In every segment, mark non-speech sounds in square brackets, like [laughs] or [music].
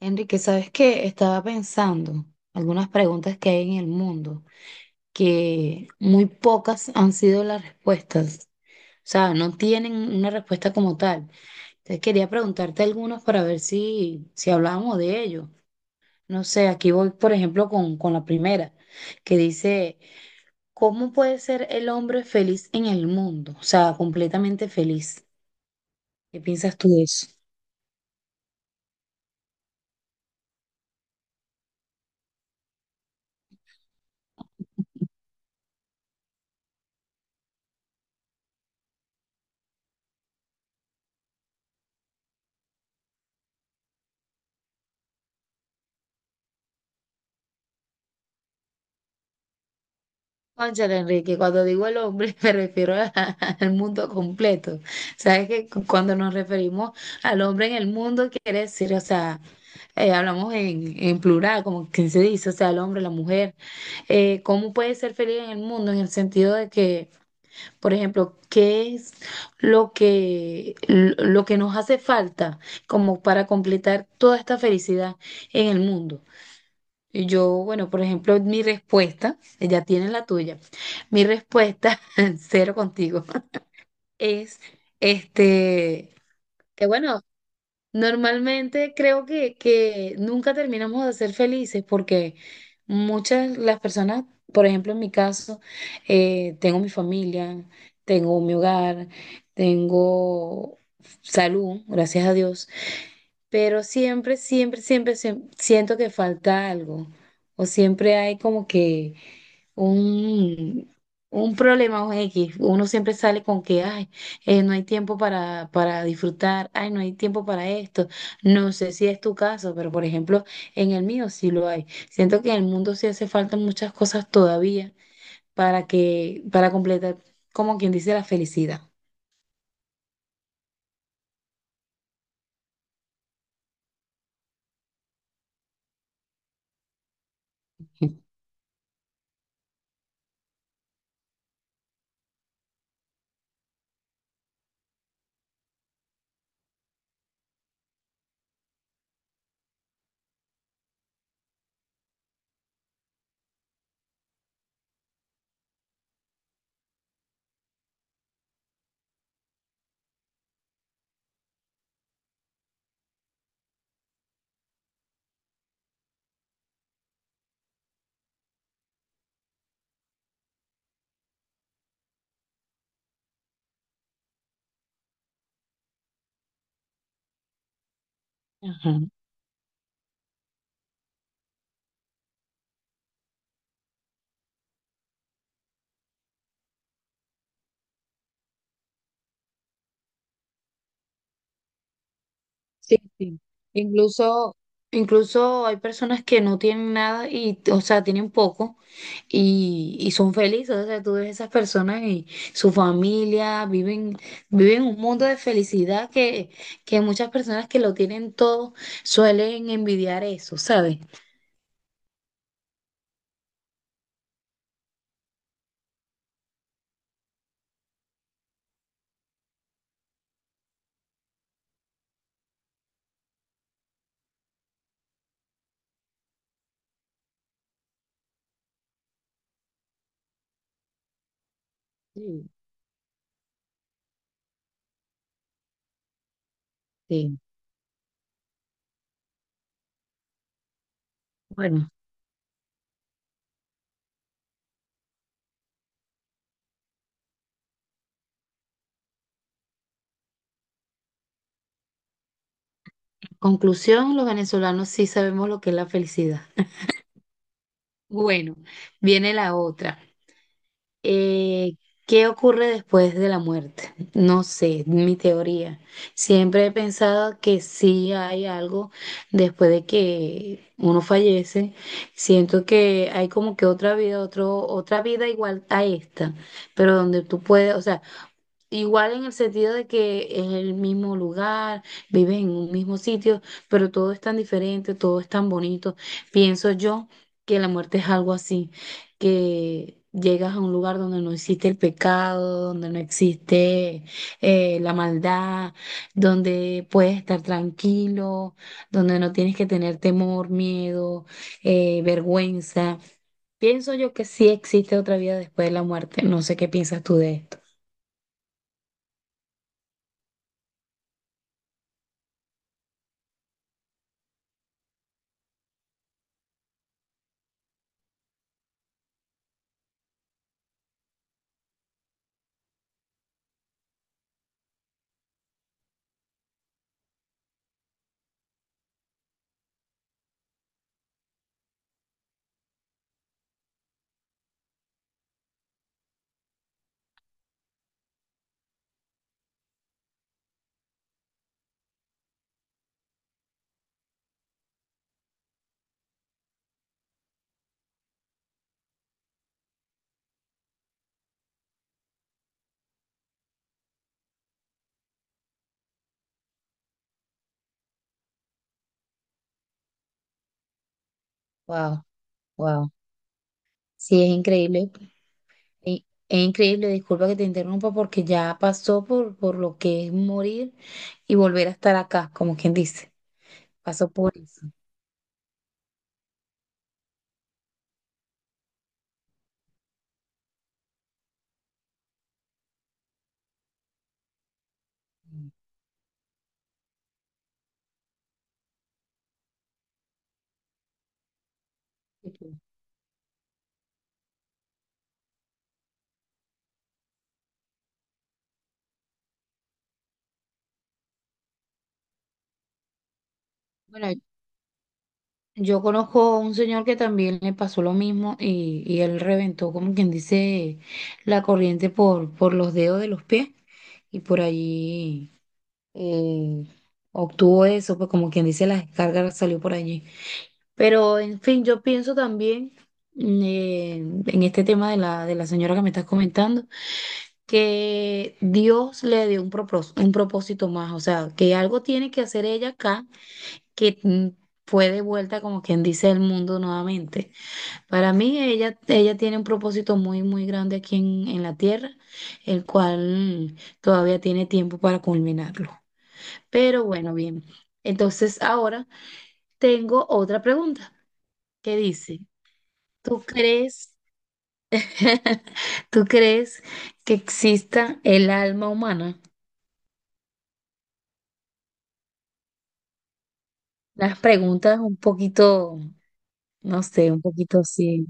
Enrique, ¿sabes qué? Estaba pensando algunas preguntas que hay en el mundo, que muy pocas han sido las respuestas. O sea, no tienen una respuesta como tal. Entonces quería preguntarte algunos para ver si hablábamos de ello. No sé, aquí voy, por ejemplo, con la primera, que dice, ¿cómo puede ser el hombre feliz en el mundo? O sea, completamente feliz. ¿Qué piensas tú de eso? Cónchale, Enrique, cuando digo el hombre [laughs] me refiero al mundo completo. Sabes que cuando nos referimos al hombre en el mundo quiere decir, o sea, hablamos en plural, como que se dice, o sea, el hombre, la mujer. ¿Cómo puede ser feliz en el mundo? En el sentido de que, por ejemplo, ¿qué es lo que nos hace falta como para completar toda esta felicidad en el mundo? Y yo, bueno, por ejemplo, mi respuesta, ella tiene la tuya. Mi respuesta, [laughs] cero contigo, [laughs] es este, que bueno, normalmente creo que nunca terminamos de ser felices porque muchas las personas, por ejemplo, en mi caso, tengo mi familia, tengo mi hogar, tengo salud, gracias a Dios, pero siempre, siempre, siempre siento que falta algo, o siempre hay como que un, un problema o X. Uno siempre sale con que, ay, no hay tiempo para disfrutar, ay, no hay tiempo para esto, no sé si es tu caso, pero por ejemplo, en el mío sí lo hay, siento que en el mundo sí hace falta muchas cosas todavía para que, para completar, como quien dice, la felicidad. [laughs] Sí, sí. Incluso, incluso hay personas que no tienen nada y, o sea, tienen poco y son felices. O sea, tú ves esas personas y su familia viven, viven un mundo de felicidad que muchas personas que lo tienen todo suelen envidiar eso, ¿sabes? Sí, sí. Bueno, conclusión, los venezolanos sí sabemos lo que es la felicidad. [laughs] Bueno, viene la otra. eh, ¿Qué ocurre después de la muerte? No sé, mi teoría. Siempre he pensado que sí hay algo después de que uno fallece. Siento que hay como que otra vida, otra vida igual a esta, pero donde tú puedes, o sea, igual en el sentido de que es el mismo lugar, viven en un mismo sitio, pero todo es tan diferente, todo es tan bonito. Pienso yo que la muerte es algo así, que llegas a un lugar donde no existe el pecado, donde no existe la maldad, donde puedes estar tranquilo, donde no tienes que tener temor, miedo, vergüenza. Pienso yo que sí existe otra vida después de la muerte. No sé qué piensas tú de esto. Wow, wow. Sí, es increíble. Es increíble, disculpa que te interrumpa porque ya pasó por lo que es morir y volver a estar acá, como quien dice. Pasó por eso. Bueno, yo conozco a un señor que también le pasó lo mismo y él reventó, como quien dice, la corriente por los dedos de los pies y por allí, eh, obtuvo eso, pues, como quien dice, la descarga salió por allí. Pero, en fin, yo pienso también, mm, eh, en este tema de la señora que me estás comentando, que Dios le dio un un propósito más, o sea, que algo tiene que hacer ella acá, que fue de vuelta, como quien dice, al mundo nuevamente. Para mí, ella tiene un propósito muy, muy grande aquí en la tierra, el cual todavía tiene tiempo para culminarlo. Pero bueno, bien. Entonces, ahora tengo otra pregunta que dice... ¿Tú crees? [laughs] ¿Tú crees que exista el alma humana? Las preguntas un poquito, no sé, un poquito así.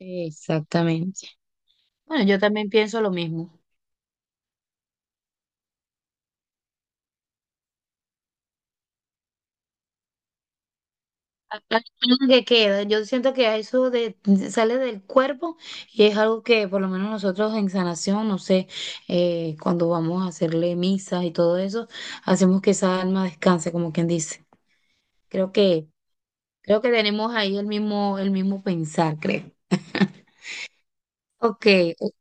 Exactamente. Bueno, yo también pienso lo mismo. Algo que queda, yo siento que eso de, sale del cuerpo y es algo que por lo menos nosotros en sanación, no sé, cuando vamos a hacerle misas y todo eso, hacemos que esa alma descanse, como quien dice. Creo que Creo que tenemos ahí el mismo pensar, creo. [laughs] Ok, ok,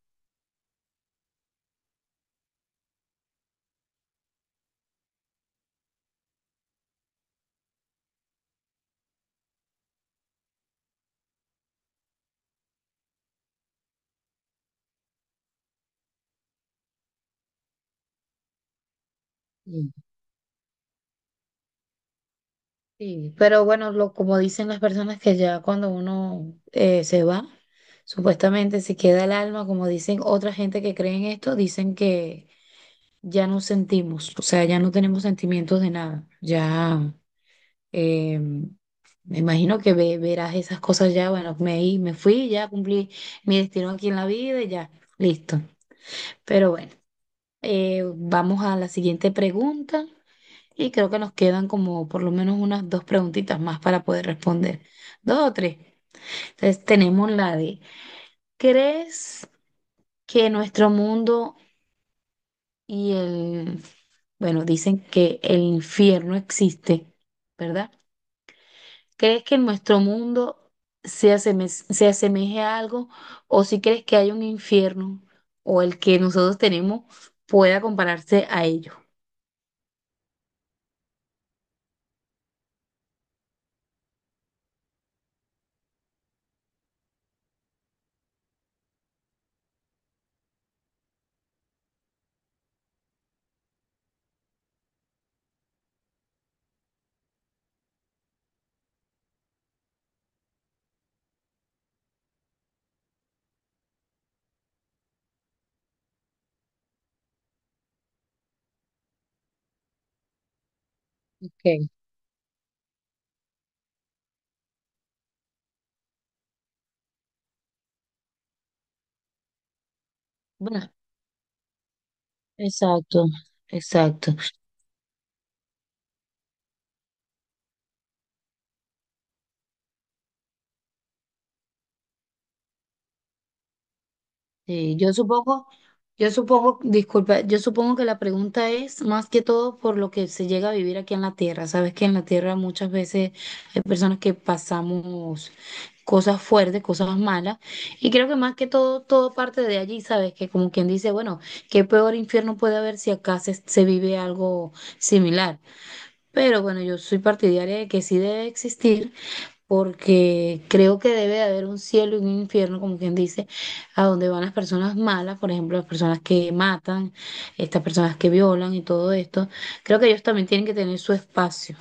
sí, pero bueno, lo, como dicen las personas que ya cuando uno se va, supuestamente se queda el alma, como dicen otra gente que cree en esto, dicen que ya no sentimos, o sea, ya no tenemos sentimientos de nada, ya, me imagino que verás esas cosas ya, bueno, me fui, ya cumplí mi destino aquí en la vida y ya, listo, pero bueno. Vamos a la siguiente pregunta y creo que nos quedan como por lo menos unas dos preguntitas más para poder responder. Dos o tres. Entonces tenemos la de, ¿crees que nuestro mundo y el, bueno, dicen que el infierno existe, ¿verdad? ¿Crees que nuestro mundo se asemeje a algo o si crees que hay un infierno o el que nosotros tenemos pueda compararse a ello? Ok. Bueno, exacto, exacto. Sí, yo supongo, disculpa, yo supongo que la pregunta es más que todo por lo que se llega a vivir aquí en la tierra. Sabes que en la tierra muchas veces hay personas que pasamos cosas fuertes, cosas malas, y creo que más que todo, todo parte de allí, sabes que, como quien dice, bueno, qué peor infierno puede haber si acá se, se vive algo similar. Pero bueno, yo soy partidaria de que sí debe existir porque creo que debe de haber un cielo y un infierno, como quien dice, a donde van las personas malas, por ejemplo, las personas que matan, estas personas que violan y todo esto. Creo que ellos también tienen que tener su espacio.